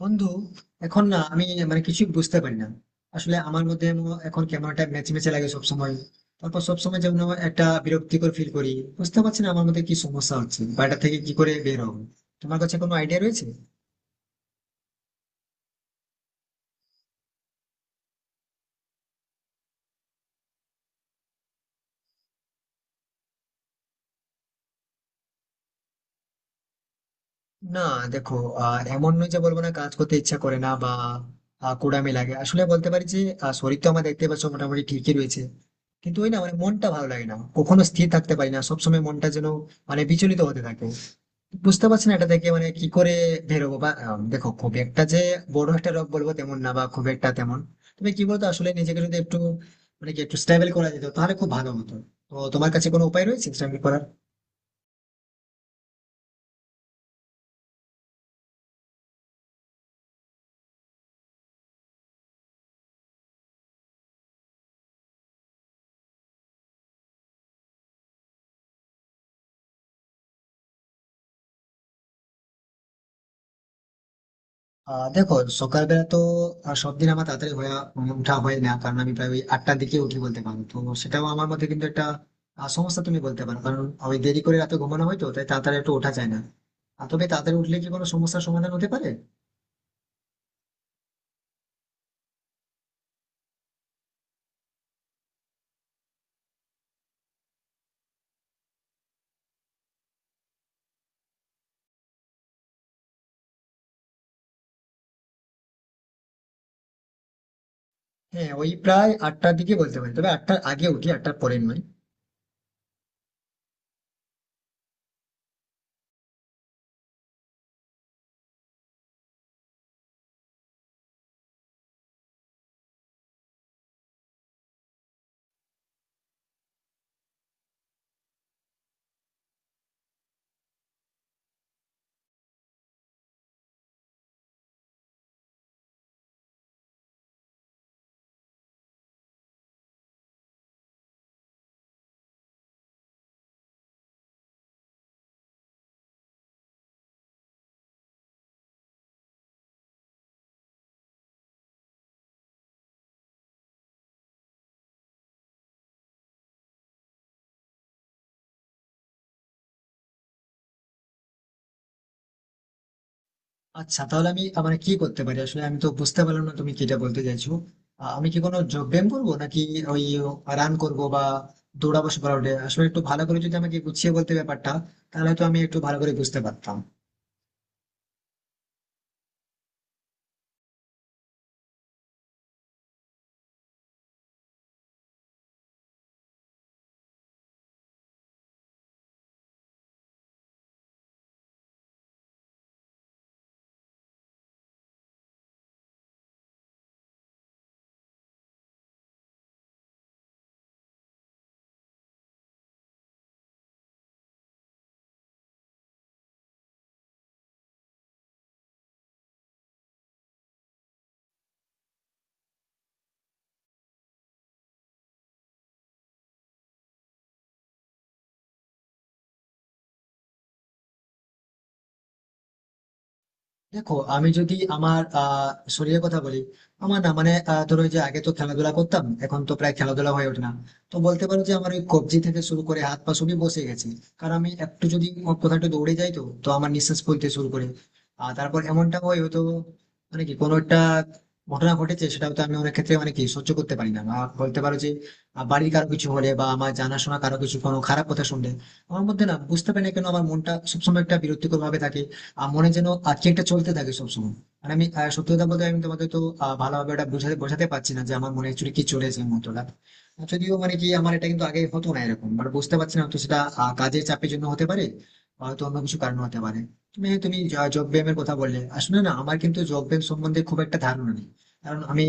বন্ধু, এখন না আমি মানে কিছুই বুঝতে পারি না। আসলে আমার মধ্যে এখন কেমন একটা মেচমেচে লাগে সবসময়। তারপর সবসময় যেমন একটা বিরক্তিকর ফিল করি। বুঝতে পারছি না আমার মধ্যে কি সমস্যা হচ্ছে বা এটা থেকে কি করে বের হবো। তোমার কাছে কোনো আইডিয়া রয়েছে? না। দেখো, এমন নয় যে বলবো, না কাজ করতে ইচ্ছা করে না বা কুড়ামি লাগে, আসলে বলতে পারি যে শরীর তো আমার দেখতে পাচ্ছ মোটামুটি ঠিকই রয়েছে। কিন্তু ওই না মানে মনটা ভালো লাগে না, কখনো স্থির থাকতে পারি না, সবসময় মনটা যেন মানে বিচলিত হতে থাকে। বুঝতে পারছি না এটা থেকে মানে কি করে বেরোবো বা দেখো, খুব একটা যে বড় একটা রোগ বলবো তেমন না বা খুব একটা তেমন। তবে কি বলতো, আসলে নিজেকে যদি একটু মানে কি একটু স্টেবল করা যেত তাহলে খুব ভালো হতো। তো তোমার কাছে কোনো উপায় রয়েছে স্টেবল করার? দেখো, সকালবেলা তো সব দিন আমার তাড়াতাড়ি হয়ে ওঠা হয় না, কারণ আমি প্রায় ওই আটটার দিকে উঠি বলতে পারো তো। সেটাও আমার মধ্যে কিন্তু একটা সমস্যা তুমি বলতে পারো, কারণ ওই দেরি করে রাতে ঘুমানো হয় তো, তাই তাড়াতাড়ি একটু ওঠা যায় না। আর তবে তাড়াতাড়ি উঠলে কি কোনো সমস্যার সমাধান হতে পারে? হ্যাঁ, ওই প্রায় আটটার দিকে বলতে পারি, তবে আটটার আগে উঠি, আটটার পরে নয়। আচ্ছা, তাহলে আমি মানে কি করতে পারি? আসলে আমি তো বুঝতে পারলাম না তুমি কিটা বলতে চাইছো। আমি কি কোনো যোগ ব্যায়াম করবো নাকি ওই রান করবো বা দৌড়াবো সকালে উঠে? আসলে একটু ভালো করে যদি আমাকে গুছিয়ে বলতে ব্যাপারটা, তাহলে তো আমি একটু ভালো করে বুঝতে পারতাম। দেখো, আমি যদি আমার শরীরের কথা বলি, আমার না মানে ধরো ওই যে আগে তো খেলাধুলা করতাম, এখন তো প্রায় খেলাধুলা হয়ে ওঠে না। তো বলতে পারো যে আমার ওই কবজি থেকে শুরু করে হাত পা সবই বসে গেছে। কারণ আমি একটু যদি কোথাও একটু দৌড়ে যাই তো তো আমার নিঃশ্বাস ফেলতে শুরু করে। আর তারপর এমনটা হয় হয়তো মানে কি কোনো একটা ঘটনা ঘটেছে, সেটা হয়তো আমি অনেক ক্ষেত্রে মানে কি সহ্য করতে পারি না, বা বলতে পারো যে বাড়ির কারো কিছু হলে বা আমার জানাশোনা কারো কিছু কোনো খারাপ কথা শুনলে আমার মধ্যে না বুঝতে পারি না কেন আমার মনটা সবসময় একটা বিরক্তিকর ভাবে থাকে। মনে যেন কি একটা চলতে থাকে সবসময়। আর আমি সত্যি কথা বলতে আমি তোমাকে তো ভালোভাবে এটা বোঝাতে বোঝাতে পারছি না যে আমার মনে অ্যাকচুয়ালি কি চলেছে এই মুহূর্তটা। যদিও মানে কি আমার এটা কিন্তু আগে হতো না এরকম, বাট বুঝতে পারছি না তো সেটা কাজের চাপের জন্য হতে পারে, হয়তো অন্য কিছু কারণ হতে পারে। তুমি তুমি জব ব্যায়ামের কথা বললে, আসলে না আমার কিন্তু জব ব্যায়াম সম্বন্ধে খুব একটা ধারণা নেই। কারণ আমি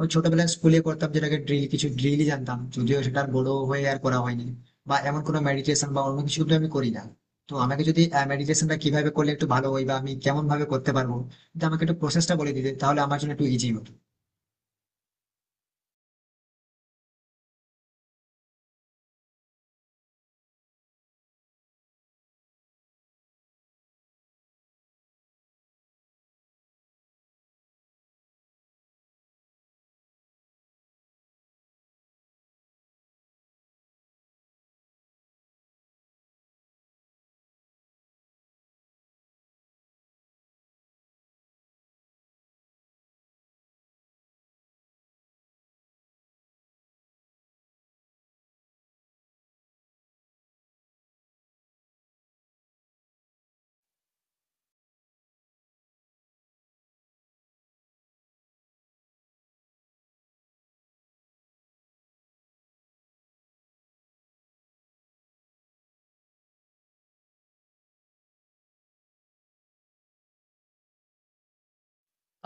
ওই ছোটবেলায় স্কুলে করতাম যেটাকে ড্রিল, কিছু ড্রিলই জানতাম, যদিও সেটা আর বড় হয়ে আর করা হয়নি। বা এমন কোনো মেডিটেশন বা অন্য কিছু কিন্তু আমি করি না। তো আমাকে যদি মেডিটেশনটা কিভাবে করলে একটু ভালো হয় বা আমি কেমন ভাবে করতে পারবো, যদি আমাকে একটু প্রসেসটা বলে দিতে তাহলে আমার জন্য একটু ইজি হতো।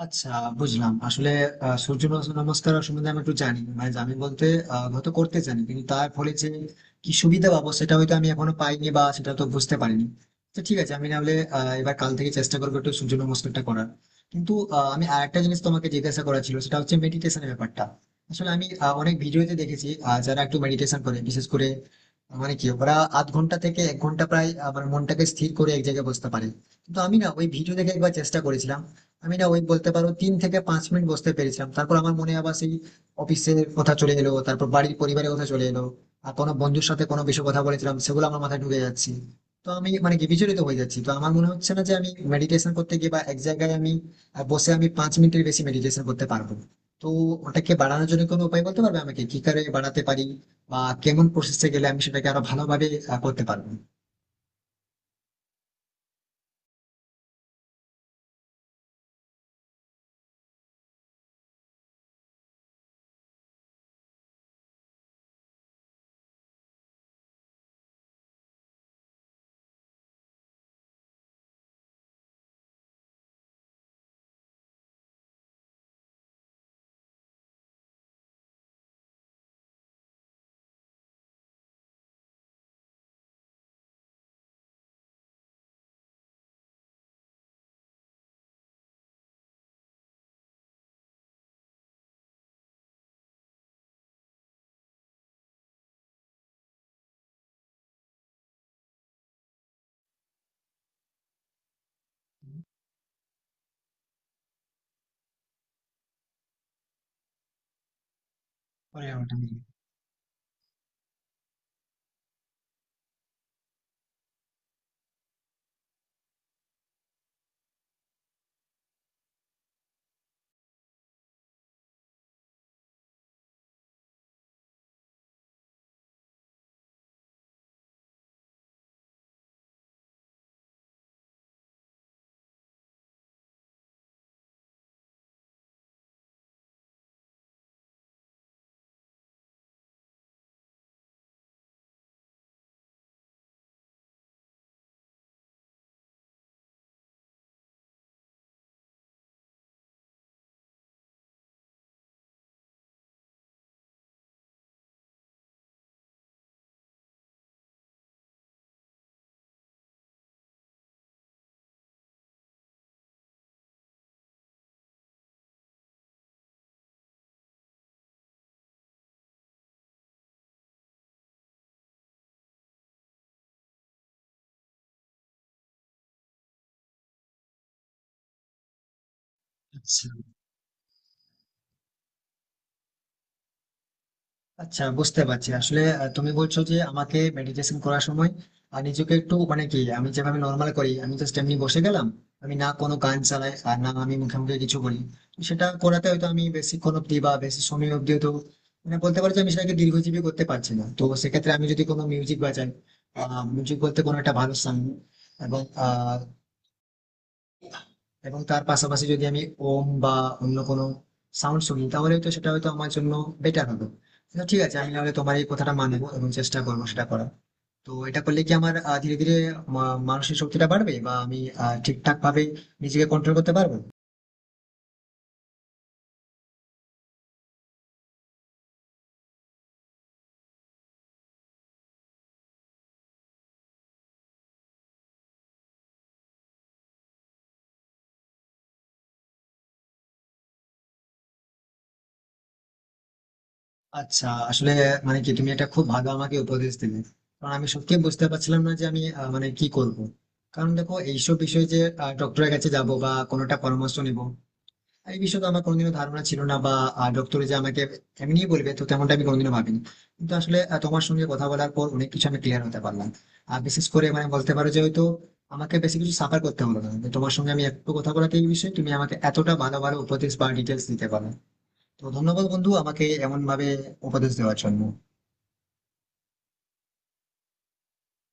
আচ্ছা, বুঝলাম। আসলে সূর্য নমস্কার সম্বন্ধে আমি একটু জানি, মানে জানি বলতে হয়তো করতে জানি, কিন্তু তার ফলে যে কি সুবিধা পাবো সেটা হয়তো আমি এখনো পাইনি বা সেটা তো বুঝতে পারিনি। তো ঠিক আছে, আমি নাহলে এবার কাল থেকে চেষ্টা করবো একটু সূর্য নমস্কারটা করার। কিন্তু আমি আরেকটা জিনিস তোমাকে জিজ্ঞাসা করা ছিল, সেটা হচ্ছে মেডিটেশনের ব্যাপারটা। আসলে আমি অনেক ভিডিওতে দেখেছি যারা একটু মেডিটেশন করে, বিশেষ করে মানে কি ওরা আধ ঘন্টা থেকে এক ঘন্টা প্রায় আমার মনটাকে স্থির করে এক জায়গায় বসতে পারে। কিন্তু আমি না ওই ভিডিও দেখে একবার চেষ্টা করেছিলাম। আমি না ওই বলতে পারো তিন থেকে পাঁচ মিনিট বসতে পেরেছিলাম, তারপর আমার মনে আবার সেই অফিসের কথা চলে এলো, তারপর বাড়ির পরিবারের কথা চলে এলো। আর কোনো বন্ধুর সাথে কোনো বিষয়ে কথা বলেছিলাম, সেগুলো আমার মাথায় ঢুকে যাচ্ছে। তো আমি মানে কি বিচলিত হয়ে যাচ্ছি, তো আমার মনে হচ্ছে না যে আমি মেডিটেশন করতে গিয়ে বা এক জায়গায় আমি বসে আমি পাঁচ মিনিটের বেশি মেডিটেশন করতে পারবো। তো ওটাকে বাড়ানোর জন্য কোনো উপায় বলতে পারবে আমাকে কি করে বাড়াতে পারি, বা কেমন প্রসেসে গেলে আমি সেটাকে আরো ভালোভাবে করতে পারবো? পরে ওটা নিয়ে। আচ্ছা, আচ্ছা, বুঝতে পারছি। আসলে তুমি বলছো যে আমাকে মেডিটেশন করার সময় আর নিজেকে একটু মানে কি, আমি যেভাবে নর্মাল করি আমি জাস্ট এমনি বসে গেলাম, আমি না কোনো গান চালাই আর না আমি মুখে মুখে কিছু বলি। তো সেটা করাতে হয়তো আমি বেশিক্ষণ অব্দি বা বেশি সময় অব্দি হয়তো মানে বলতে পারছি আমি সেটাকে দীর্ঘজীবী করতে পারছি না, তো সেক্ষেত্রে আমি যদি কোনো মিউজিক বাজাই, মিউজিক বলতে কোনো একটা ভালো সং, এবং আহ এবং তার পাশাপাশি যদি আমি ওম বা অন্য কোনো সাউন্ড শুনি, তাহলে তো সেটা হয়তো আমার জন্য বেটার হবে। তো ঠিক আছে, আমি নাহলে তোমার এই কথাটা মানবো এবং চেষ্টা করবো সেটা করার। তো এটা করলে কি আমার ধীরে ধীরে মানসিক শক্তিটা বাড়বে বা আমি ঠিকঠাক ভাবে নিজেকে কন্ট্রোল করতে পারবো? আচ্ছা, আসলে মানে কি তুমি এটা খুব ভালো আমাকে উপদেশ দিলে। কারণ আমি সত্যি বুঝতে পারছিলাম না যে আমি মানে কি করব। কারণ দেখো, এইসব বিষয়ে যে ডক্টরের কাছে যাব বা কোনোটা পরামর্শ নিবো, এই বিষয়ে তো আমার কোনোদিনও ধারণা ছিল না, বা ডক্টরে যে আমাকে এমনিই বলবে তো তেমনটা আমি কোনোদিনও ভাবিনি। কিন্তু আসলে তোমার সঙ্গে কথা বলার পর অনেক কিছু আমি ক্লিয়ার হতে পারলাম। আর বিশেষ করে মানে বলতে পারো যে হয়তো আমাকে বেশি কিছু সাফার করতে হলো না, যে তোমার সঙ্গে আমি একটু কথা বলাতে এই বিষয়ে তুমি আমাকে এতটা ভালো ভালো উপদেশ বা ডিটেলস দিতে পারো। তো ধন্যবাদ বন্ধু, আমাকে এমন ভাবে উপদেশ দেওয়ার জন্য।